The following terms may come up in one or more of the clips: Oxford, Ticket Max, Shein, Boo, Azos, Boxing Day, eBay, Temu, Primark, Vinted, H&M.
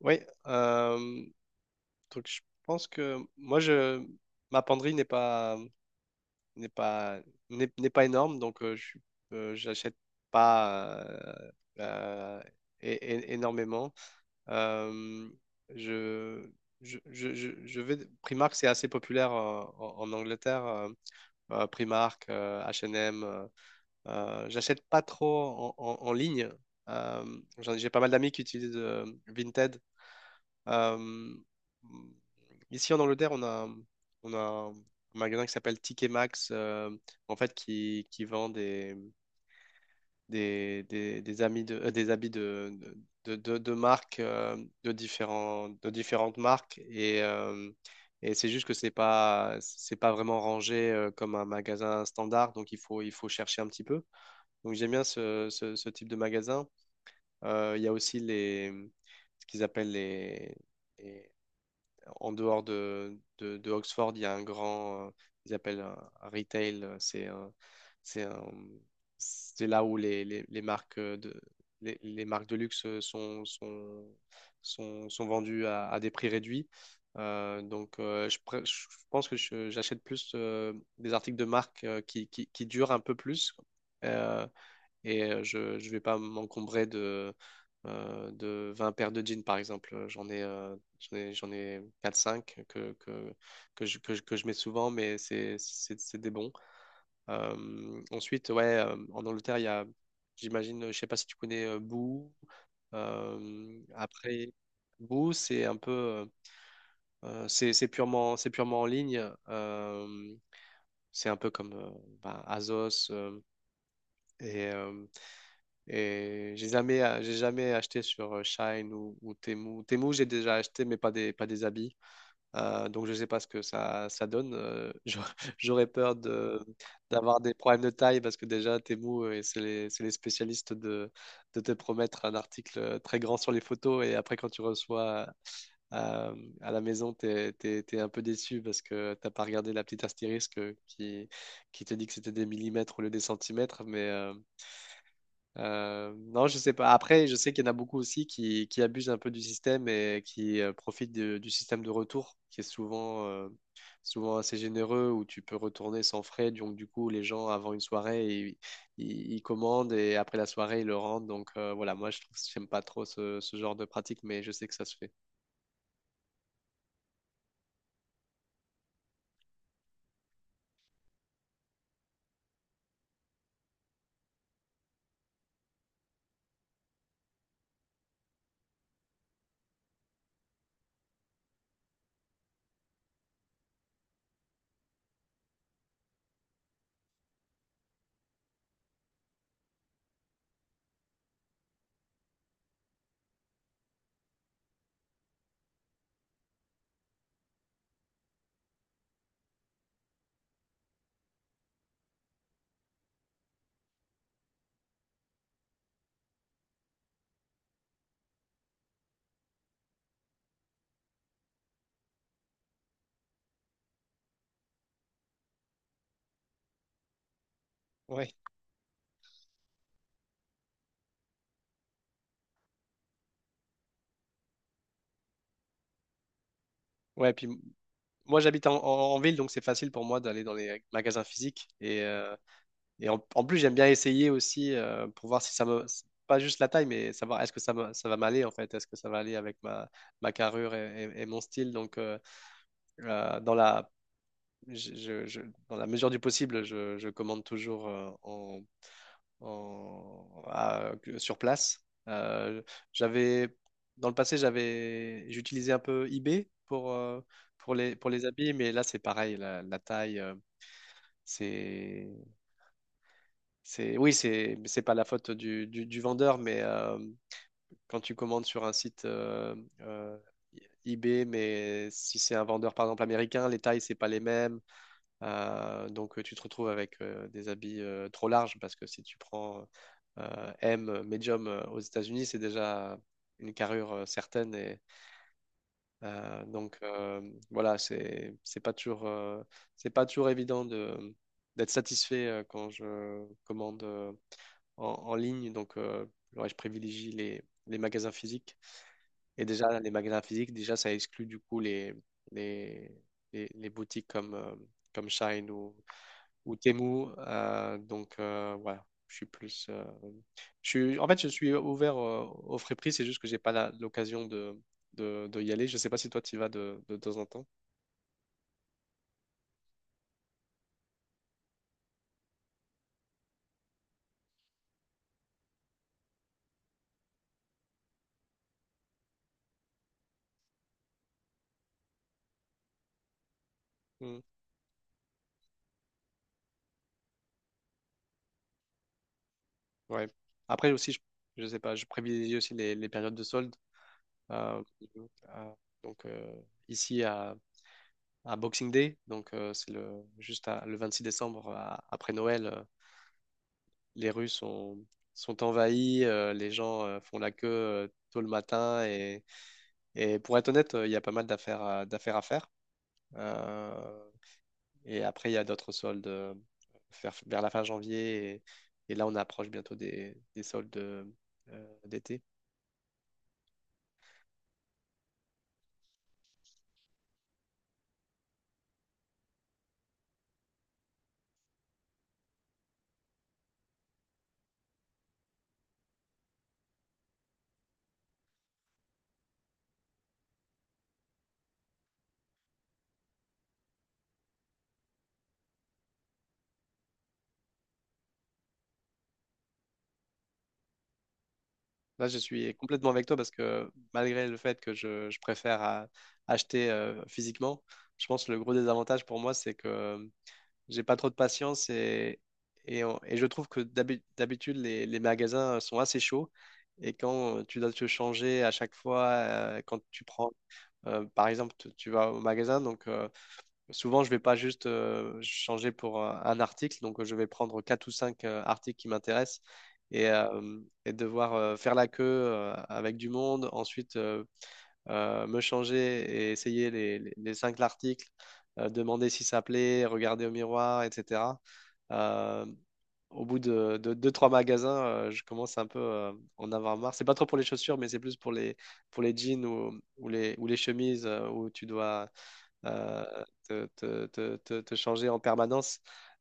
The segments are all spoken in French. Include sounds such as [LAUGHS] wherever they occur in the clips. Oui, euh, donc je pense que moi je ma penderie n'est pas n'est pas énorme donc j'achète pas euh, énormément. Euh, je, je vais Primark. C'est assez populaire en Angleterre. Primark, H&M. J'achète pas trop en ligne. J'ai pas mal d'amis qui utilisent Vinted euh, ici en Angleterre. On a un magasin qui s'appelle Ticket Max, en fait, qui vend des habits de, de, de marques, euh, de différentes marques. Et c'est juste que c'est pas vraiment rangé comme un magasin standard, donc il faut chercher un petit peu. Donc j'aime bien ce type de magasin. Il y a aussi les, ce qu'ils appellent les En dehors de Oxford, il y a un grand, ils appellent un retail, c'est un- c'est là où les marques de, les marques de luxe sont vendues à des prix réduits. Je pense que j'achète plus des articles de marque qui durent un peu plus. Euh, je vais pas m'encombrer de 20 paires de jeans, par exemple. J'en ai 4-5 que je mets souvent, mais c'est des bons. Ensuite, ouais, en Angleterre, il y a, j'imagine, je sais pas si tu connais Boo. Après, Boo, c'est un peu, c'est purement en ligne. C'est un peu comme bah, Azos et Et j'ai jamais acheté sur Shein ou Temu. Temu, j'ai déjà acheté, mais pas des habits. Donc, je ne sais pas ce que ça donne. J'aurais [LAUGHS] j'aurais peur d'avoir des problèmes de taille parce que déjà, Temu, c'est les spécialistes de te promettre un article très grand sur les photos. Et après, quand tu reçois euh, à la maison, t'es un peu déçu parce que t'as pas regardé la petite astérisque qui te dit que c'était des millimètres au lieu des centimètres. Mais, non, je sais pas. Après, je sais qu'il y en a beaucoup aussi qui abusent un peu du système et qui profitent du système de retour, qui est souvent assez généreux, où tu peux retourner sans frais. Donc, du coup, les gens, avant une soirée, ils commandent et après la soirée, ils le rendent. Donc, voilà, moi, je trouve, j'aime pas trop ce genre de pratique, mais je sais que ça se fait. Ouais. Ouais, puis moi, j'habite en ville, donc c'est facile pour moi d'aller dans les magasins physiques. Et en plus, j'aime bien essayer aussi pour voir si ça me. C'est pas juste la taille, mais savoir est-ce que ça va m'aller en fait, est-ce que ça va aller avec ma carrure et mon style. Donc, euh, dans la, je- je- je- dans la mesure du possible, je commande toujours en- à- sur place. Euh, j'avais, Dans le passé, j'utilisais un peu eBay pour les habits, mais là, c'est pareil, la taillec'est. Oui, c'est pas la faute du vendeur, mais quand tu commandes sur un site euh, eBay, mais si c'est un vendeur par exemple américain, les tailles c'est pas les mêmes. Tu te retrouves avec des habits trop larges parce que si tu prends M, medium aux États-Unis, c'est déjà une carrure certaine et euh, donc euh, voilà, c'est pas toujours évident de d'être satisfait quand je commande en ligne. Donc, ouais, je privilégie les magasins physiques. Et déjà, les magasins physiques, déjà, ça exclut du coup les, les boutiques comme Shine ou Temu. Voilà, je suis plus. Je suis, en fait, je suis ouvert au frais prix, c'est juste que j'ai pas l'occasion de y aller. Je sais pas si toi tu y vas de temps en temps. Mm. Ouais. Après aussi, je sais pas, je privilégie aussi les périodes de solde. Euh, euh, donc euh, Ici à Boxing Day, donc c'est le juste à- le 6 décembre après Noël, les rues sont envahies, les gens font la queue tôt le matin et pour être honnête, il y a pas mal d'affaires à faire. Euh, et après il y a d'autres soldes vers la fin janvier et là on approche bientôt des soldes d'été. Là, je suis complètement avec toi parce que malgré le fait que je préfère acheter physiquement, je pense que le gros désavantage pour moi, c'est que j'ai pas trop de patience et je trouve que d'habitude, les magasins sont assez chauds et quand tu dois te changer à chaque fois, quand tu prends, par exemple, tu vas au magasin, donc. Souvent, je vais pas juste changer pour un article, donc je vais prendre quatre ou cinq articles qui m'intéressent et, euh, et devoir faire la queue avec du monde, ensuite me changer et essayer les cinq articles, demander si ça plaît, regarder au miroir, etc. Euh, Au bout de deux, trois magasins, je commence un peu en avoir marre. C'est pas trop pour les chaussures, mais c'est plus pour les jeans ou les chemises où tu dois euh, te changer en permanence.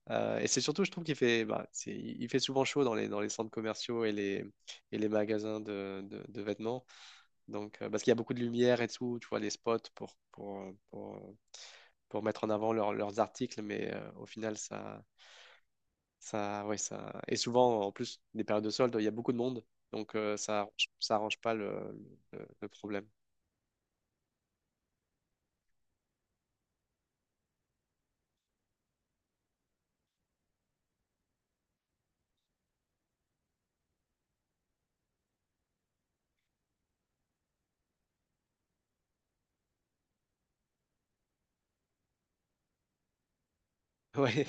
Et c'est surtout, je trouve qu'il fait, bah, c'est- il fait souvent chaud dans les centres commerciaux et les magasins de vêtements. Donc, parce qu'il y a beaucoup de lumière et tout, tu vois, les spots pour mettre en avant leurs articles, mais au final, ouais, ça. Et souvent, en plus, des périodes de soldes, il y a beaucoup de monde, donc ça arrange pas le problème. [LAUGHS] Ouais,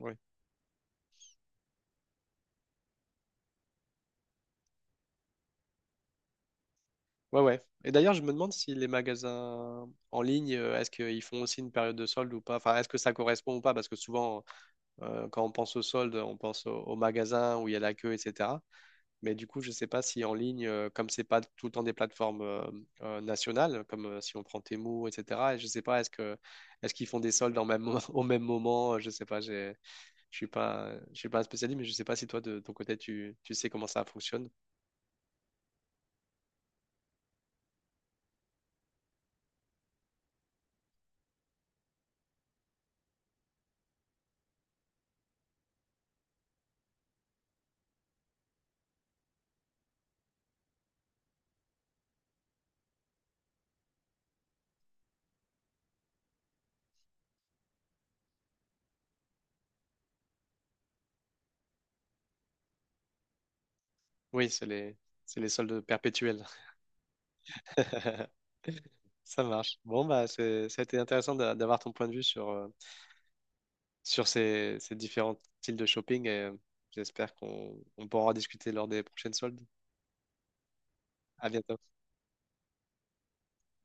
ouais. Ouais, ouais. Et d'ailleurs, je me demande si les magasins en ligne, est-ce qu'ils font aussi une période de solde ou pas? Enfin, est-ce que ça correspond ou pas? Parce que souvent, quand on pense aux soldes, on pense aux magasins où il y a la queue, etc. Mais du coup, je ne sais pas si en ligne, comme c'est pas tout le temps des plateformes nationales, comme si on prend Temu, etc. Et je ne sais pas, est-ce qu'ils font des soldes [LAUGHS] au même moment? Je ne sais pas. J'ai je suis pas un spécialiste, mais je sais pas si toi, de ton côté, tu sais comment ça fonctionne. Oui, c'est les soldes perpétuels. [LAUGHS] Ça marche. Bon, bah, ça a été intéressant d'avoir ton point de vue sur ces différents styles de shopping j'espère qu'on on pourra en discuter lors des prochaines soldes. À bientôt.